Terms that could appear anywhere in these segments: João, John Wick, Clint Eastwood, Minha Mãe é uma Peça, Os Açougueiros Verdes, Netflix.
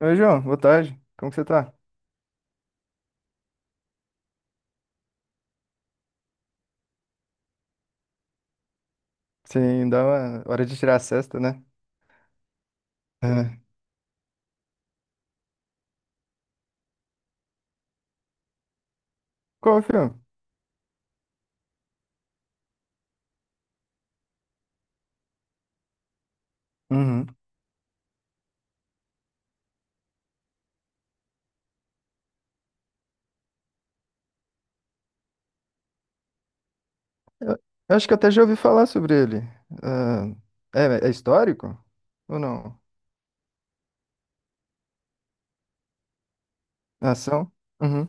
Oi, João, boa tarde. Como que você tá? Sim, dá uma hora de tirar a cesta, né? É. Qual o filme? Uhum. Eu, eu acho que até já ouvi falar sobre ele. Ah, é, é histórico? Ou não? É Ação? Uhum.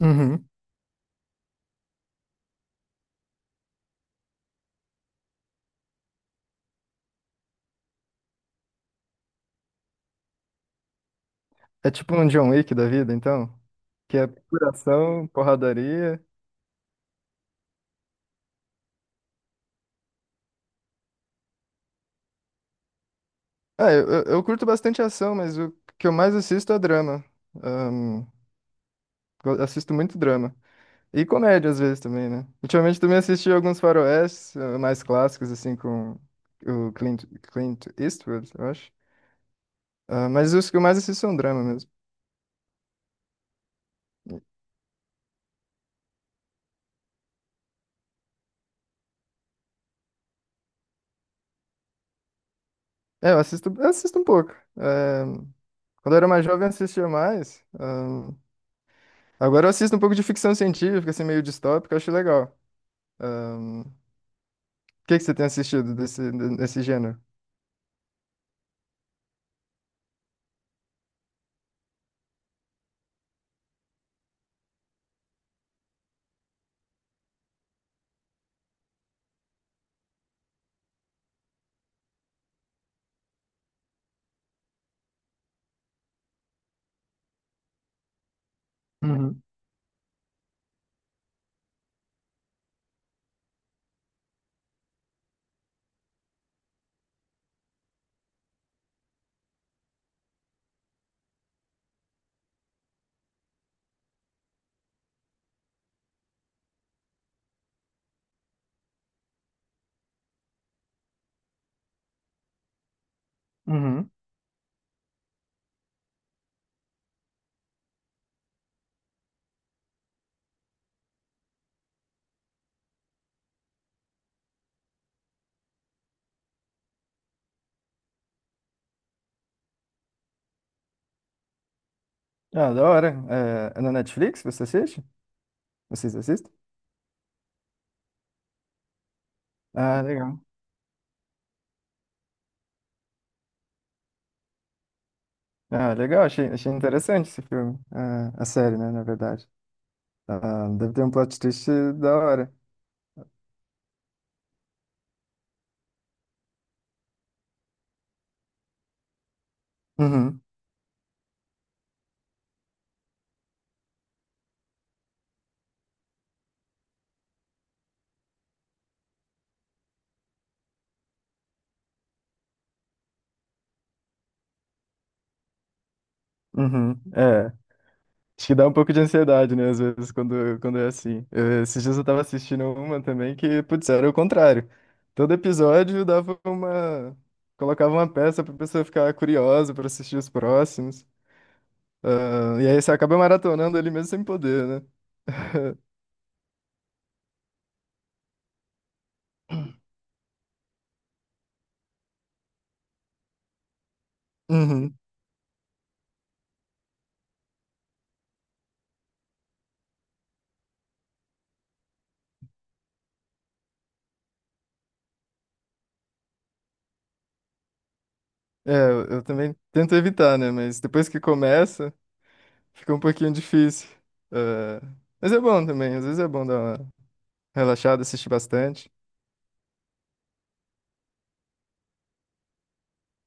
Uhum. É tipo um John Wick da vida, então? Que é pura ação, porradaria. Ah, eu curto bastante ação, mas o que eu mais assisto é drama. Ahn, eu assisto muito drama. E comédia às vezes também, né? Ultimamente também assisti alguns faroestes mais clássicos, assim, com o Clint Eastwood, eu acho. Ah, mas os que eu mais assisto são drama mesmo. É, eu assisto um pouco. Eh, Quando eu era mais jovem, eu assistia mais. Agora eu assisto um pouco de ficção científica, assim, meio distópica, eu acho legal. Ahn, O que que você tem assistido desse gênero? Uhum, uhum. Ah, da hora. É, é na Netflix você assiste? Vocês assistem? Ah, legal. Ah, legal, achei interessante esse filme. Ah, a série, né, na verdade. Ah, deve ter um plot twist da hora. Uhum, uhum, é. Acho que dá um pouco de ansiedade, né, às vezes, quando é assim. Esses dias eu tava assistindo uma também que, putz, era o contrário. Todo episódio dava uma. Colocava uma peça pra pessoa ficar curiosa pra assistir os próximos. Ah, e aí você acaba maratonando ali mesmo sem poder, né? Uhum. É, eu também tento evitar, né? Mas depois que começa. Fica um pouquinho difícil. É, mas é bom também, às vezes é bom dar uma relaxada, assistir bastante.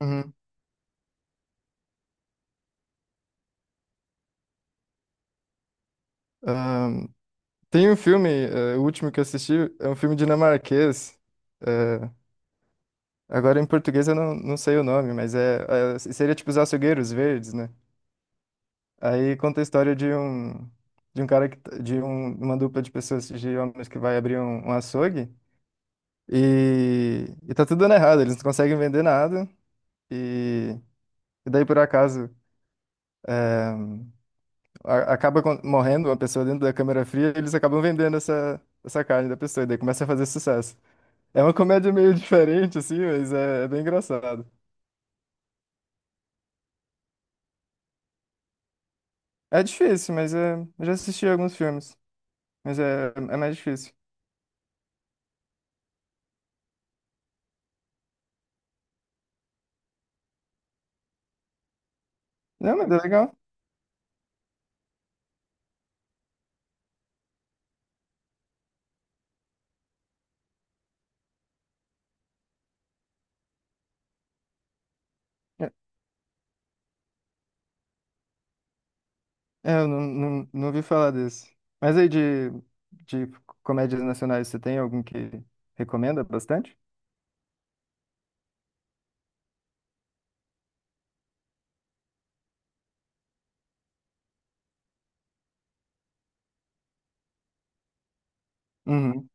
Uhum. Ahn, Tem um filme, o último que eu assisti, é um filme dinamarquês. eh, Agora em português eu não sei o nome, mas é, seria tipo Os Açougueiros Verdes, né? Aí conta a história de um cara que, uma dupla de pessoas, de homens que vai abrir um açougue e tá tudo dando errado, eles não conseguem vender nada e, e daí por acaso é, morrendo uma pessoa dentro da câmera fria, eles acabam vendendo essa carne da pessoa, e daí começa a fazer sucesso. É uma comédia meio diferente, assim, mas é, é bem engraçado. É difícil, mas é, eu já assisti alguns filmes, mas é, é mais difícil. Não, mas é legal. É, é, eu não ouvi falar desse. Mas aí de comédias nacionais, você tem algum que recomenda bastante? Uhum,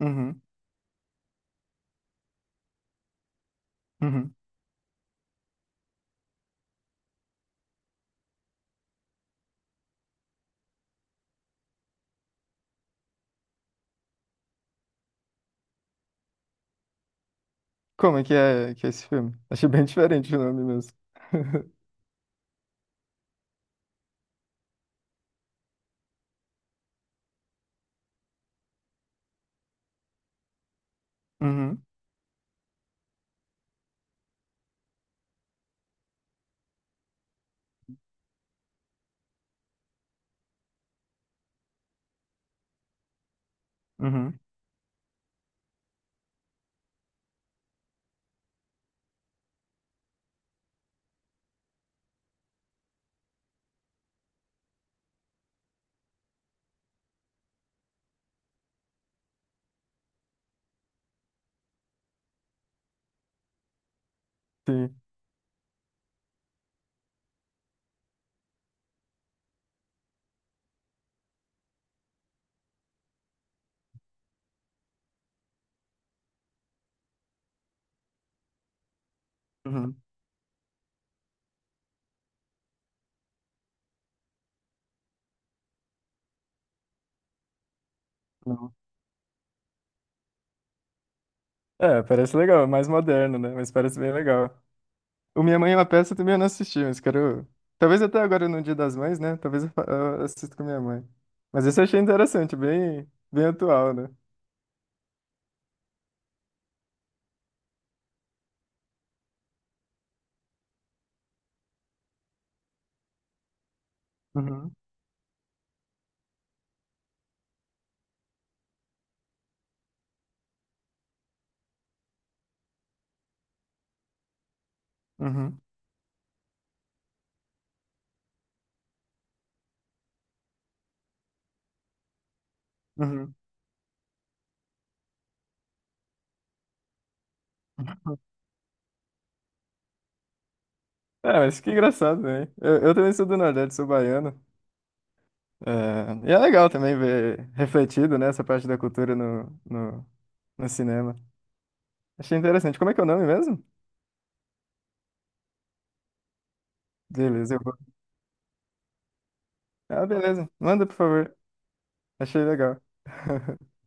uhum, uhum. Como é que é, que é esse filme? Achei bem diferente o nome mesmo. Uhum, uhum. Sim. Uhum, não. É, parece legal, é mais moderno, né? Mas parece bem legal. O Minha Mãe é uma Peça também eu não assisti, mas quero. Talvez até agora no Dia das Mães, né? Eu assista com minha mãe. Mas esse eu achei interessante, bem atual, né? Uhum, uhum, uhum. É, mas que engraçado, né? Eu também sou do Nordeste, sou baiano. É, e é legal também ver refletido, né, essa parte da cultura no cinema. Achei interessante. Como é que é o nome mesmo? Beleza, eu vou. Ah, beleza. Manda, por favor. Achei legal.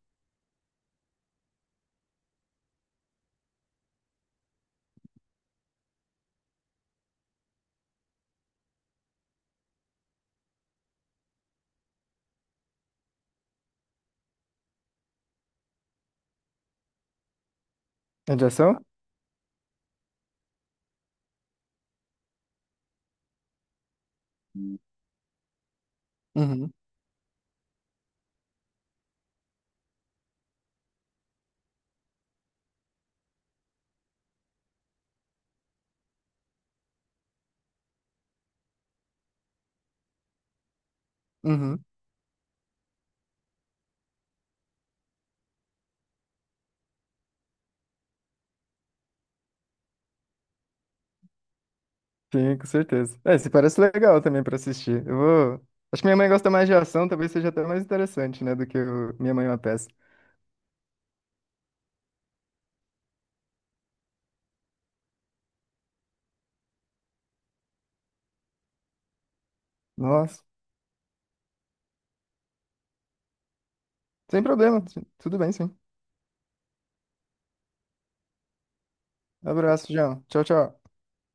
É de ação? Uhum. Uhum. Sim, com certeza. É, esse parece legal também pra assistir. Eu vou. Acho que minha mãe gosta mais de ação, talvez seja até mais interessante, né, do que o Minha Mãe é uma Peça. Nossa, sem problema, tudo bem, sim. Abraço, João. Tchau, tchau.